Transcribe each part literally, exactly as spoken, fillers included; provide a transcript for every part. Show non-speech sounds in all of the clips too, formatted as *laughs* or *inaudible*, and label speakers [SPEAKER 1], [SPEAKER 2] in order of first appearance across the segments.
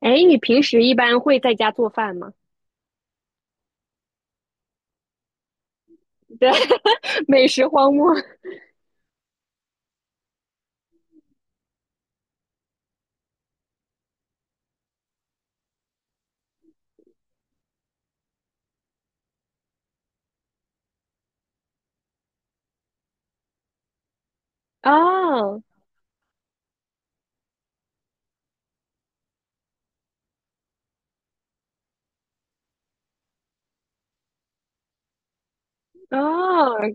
[SPEAKER 1] 哎，你平时一般会在家做饭吗？*laughs* 对，美食荒漠。啊啊，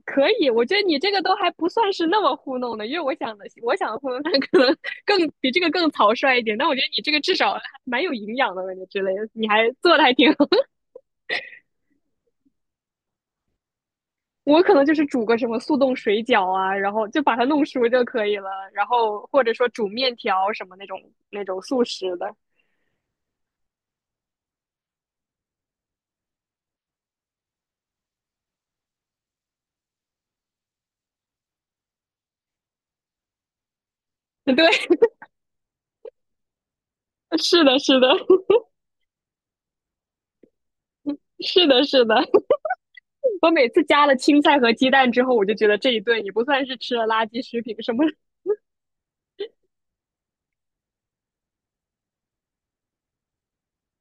[SPEAKER 1] 可以，我觉得你这个都还不算是那么糊弄的，因为我想的，我想的糊弄饭可能更比这个更草率一点，但我觉得你这个至少还蛮有营养的，感觉之类的，你还做的还挺好。*laughs* 我可能就是煮个什么速冻水饺啊，然后就把它弄熟就可以了，然后或者说煮面条什么那种那种速食的。*laughs* 对，是的，是的，*laughs* 是的，是的。我每次加了青菜和鸡蛋之后，我就觉得这一顿也不算是吃了垃圾食品什么。*laughs*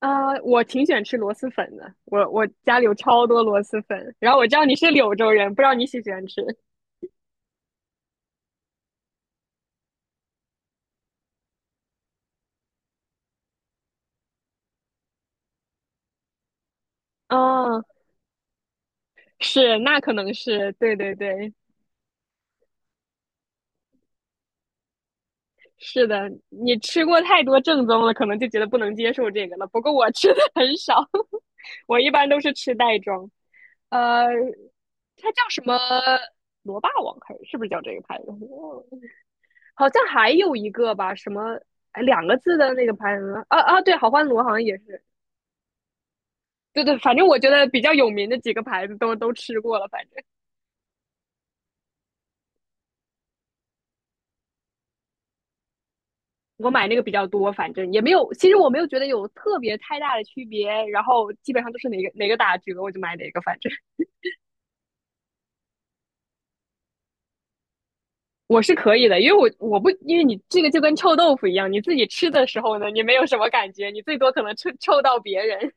[SPEAKER 1] 啊、呃我挺喜欢吃螺蛳粉的，我我家里有超多螺蛳粉。然后我知道你是柳州人，不知道你喜不喜欢吃？啊，是，那可能是，对对对，是的。你吃过太多正宗了，可能就觉得不能接受这个了。不过我吃的很少。*laughs* 我一般都是吃袋装。呃，它叫什么？螺霸王还是是不是叫这个牌子？我好像还有一个吧，什么哎两个字的那个牌子啊啊，对，好欢螺好像也是，对对，反正我觉得比较有名的几个牌子都都吃过了，反正我买那个比较多，反正也没有，其实我没有觉得有特别太大的区别，然后基本上都是哪个哪个打折我就买哪个，反正。 *laughs* 我是可以的，因为我我不因为你这个就跟臭豆腐一样，你自己吃的时候呢，你没有什么感觉，你最多可能臭臭到别人，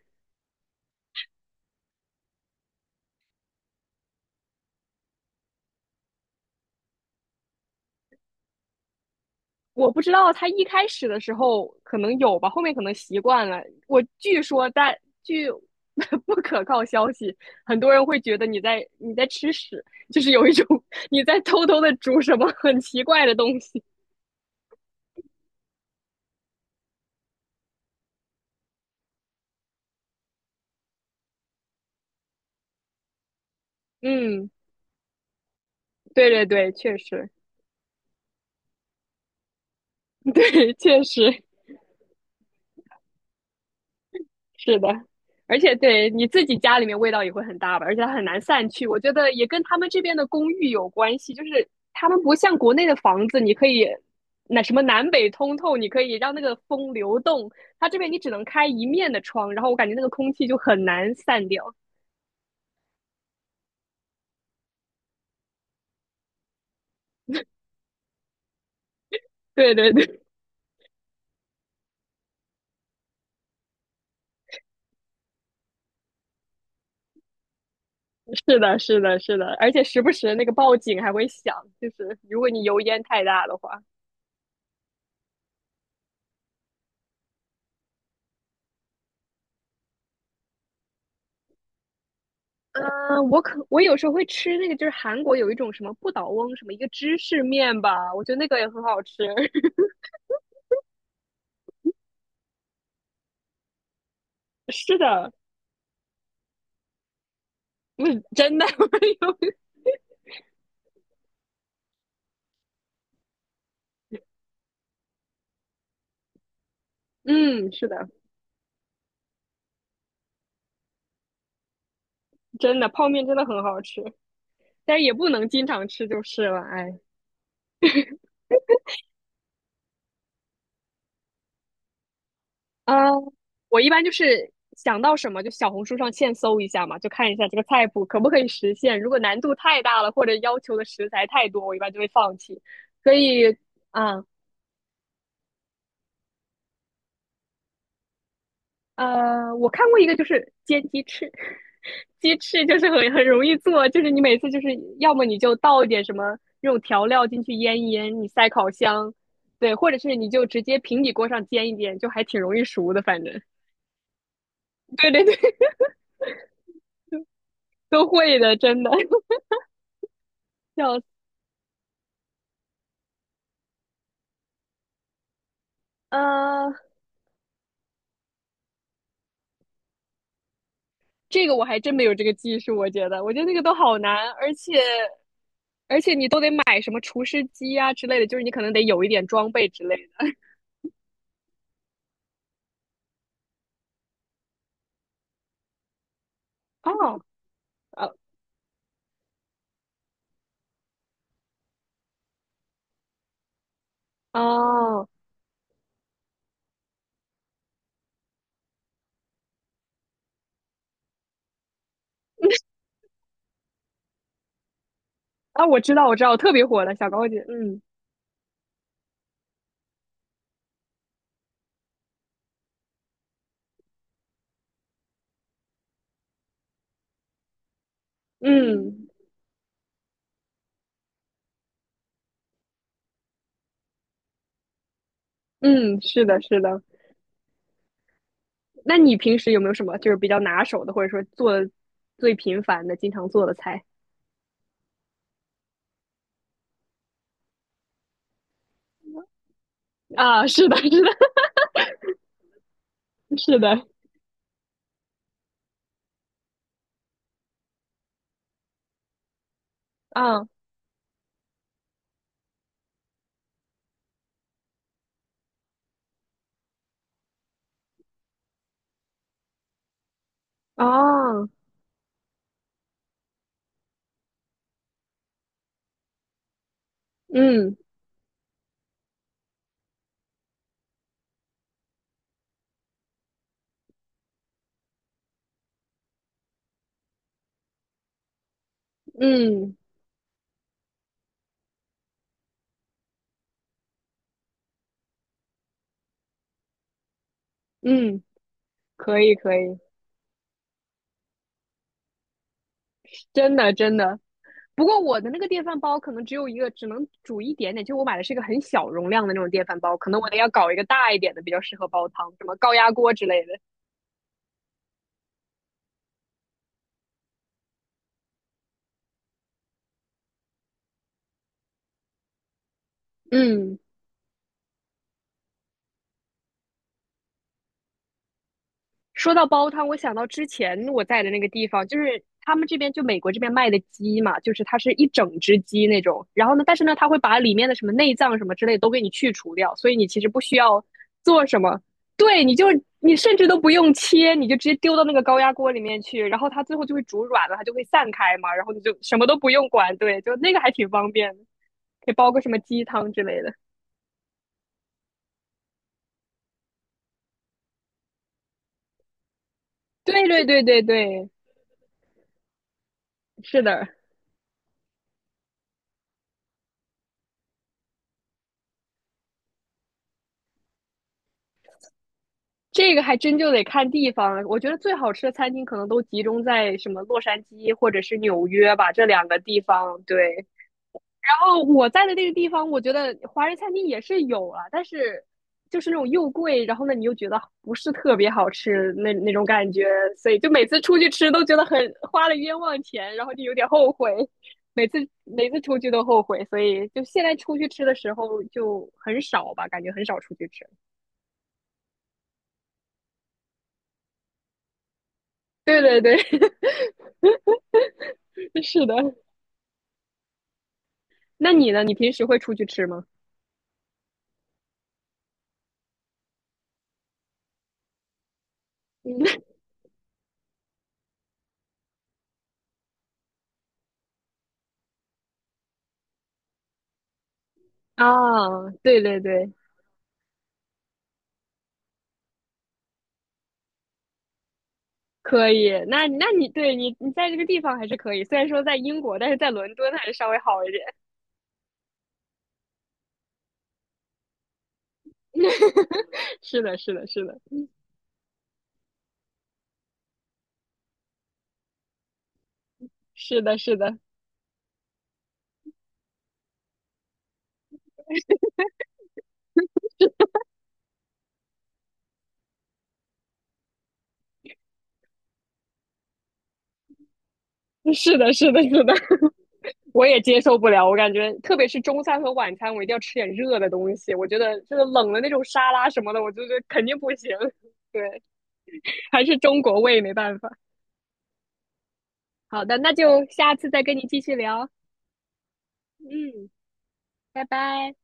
[SPEAKER 1] 我不知道他一开始的时候可能有吧，后面可能习惯了。我据说但据 *laughs* 不可靠消息，很多人会觉得你在你在吃屎，就是有一种你在偷偷的煮什么很奇怪的东西。嗯，对对对，确实，*laughs* 对，确实。是的，而且对你自己家里面味道也会很大吧，而且它很难散去。我觉得也跟他们这边的公寓有关系，就是他们不像国内的房子，你可以那什么南北通透，你可以让那个风流动。它这边你只能开一面的窗，然后我感觉那个空气就很难散掉。对对对，*laughs* 是的，是的，是的，而且时不时那个报警还会响，就是如果你油烟太大的话。嗯，我可我有时候会吃那个，就是韩国有一种什么不倒翁，什么一个芝士面吧，我觉得那个也很好吃。*laughs* 是的，不是真的，*laughs* 我有嗯，是的，真的，泡面真的很好吃，但是也不能经常吃就是了。哎，啊，我一般就是想到什么就小红书上现搜一下嘛，就看一下这个菜谱可不可以实现。如果难度太大了，或者要求的食材太多，我一般就会放弃。所以，啊。呃，我看过一个，就是煎鸡翅。*laughs* 鸡翅就是很很容易做，就是你每次就是要么你就倒一点什么那种调料进去腌一腌，你塞烤箱，对，或者是你就直接平底锅上煎一煎，就还挺容易熟的，反正。*laughs* 对对对，*laughs* 都会的，真的，*laughs* 笑死。呃，这个我还真没有这个技术，我觉得，我觉得那个都好难，而且而且你都得买什么厨师机啊之类的，就是你可能得有一点装备之类的。哦，呃，哦，啊，我知道，我知道，特别火的小高姐，嗯嗯嗯，是的，是的。那你平时有没有什么就是比较拿手的，或者说做的最频繁的、经常做的菜啊？是的，是的，*laughs* 是的，啊啊，嗯嗯嗯，可以可以，真的真的。不过我的那个电饭煲可能只有一个，只能煮一点点。就我买的是一个很小容量的那种电饭煲，可能我得要搞一个大一点的，比较适合煲汤，什么高压锅之类的。嗯。说到煲汤，我想到之前我在的那个地方，就是他们这边就美国这边卖的鸡嘛，就是它是一整只鸡那种。然后呢，但是呢，它会把里面的什么内脏什么之类的都给你去除掉，所以你其实不需要做什么。对，你就你甚至都不用切，你就直接丢到那个高压锅里面去，然后它最后就会煮软了，它就会散开嘛，然后你就什么都不用管。对，就那个还挺方便的，可以煲个什么鸡汤之类的。对对对对对，是的。这个还真就得看地方。我觉得最好吃的餐厅可能都集中在什么洛杉矶或者是纽约吧，这两个地方。对，然后我在的那个地方，我觉得华人餐厅也是有啊，但是就是那种又贵，然后呢你又觉得不是特别好吃那那种感觉，所以就每次出去吃都觉得很花了冤枉钱，然后就有点后悔。每次每次出去都后悔，所以就现在出去吃的时候就很少吧，感觉很少出去吃。对对对，*laughs* 是的。那你呢？你平时会出去吃吗？嗯，啊，对对对，可以。那那你对你你在这个地方还是可以，虽然说在英国，但是在伦敦还是稍微好一点。*laughs* 是的，是的，是的，是的，是的，是的，是的，是的，*laughs* 我也接受不了。我感觉，特别是中餐和晚餐，我一定要吃点热的东西。我觉得这个冷的那种沙拉什么的，我就觉得肯定不行。*laughs* 对，还是中国胃没办法。好的，那就下次再跟你继续聊。嗯，拜拜。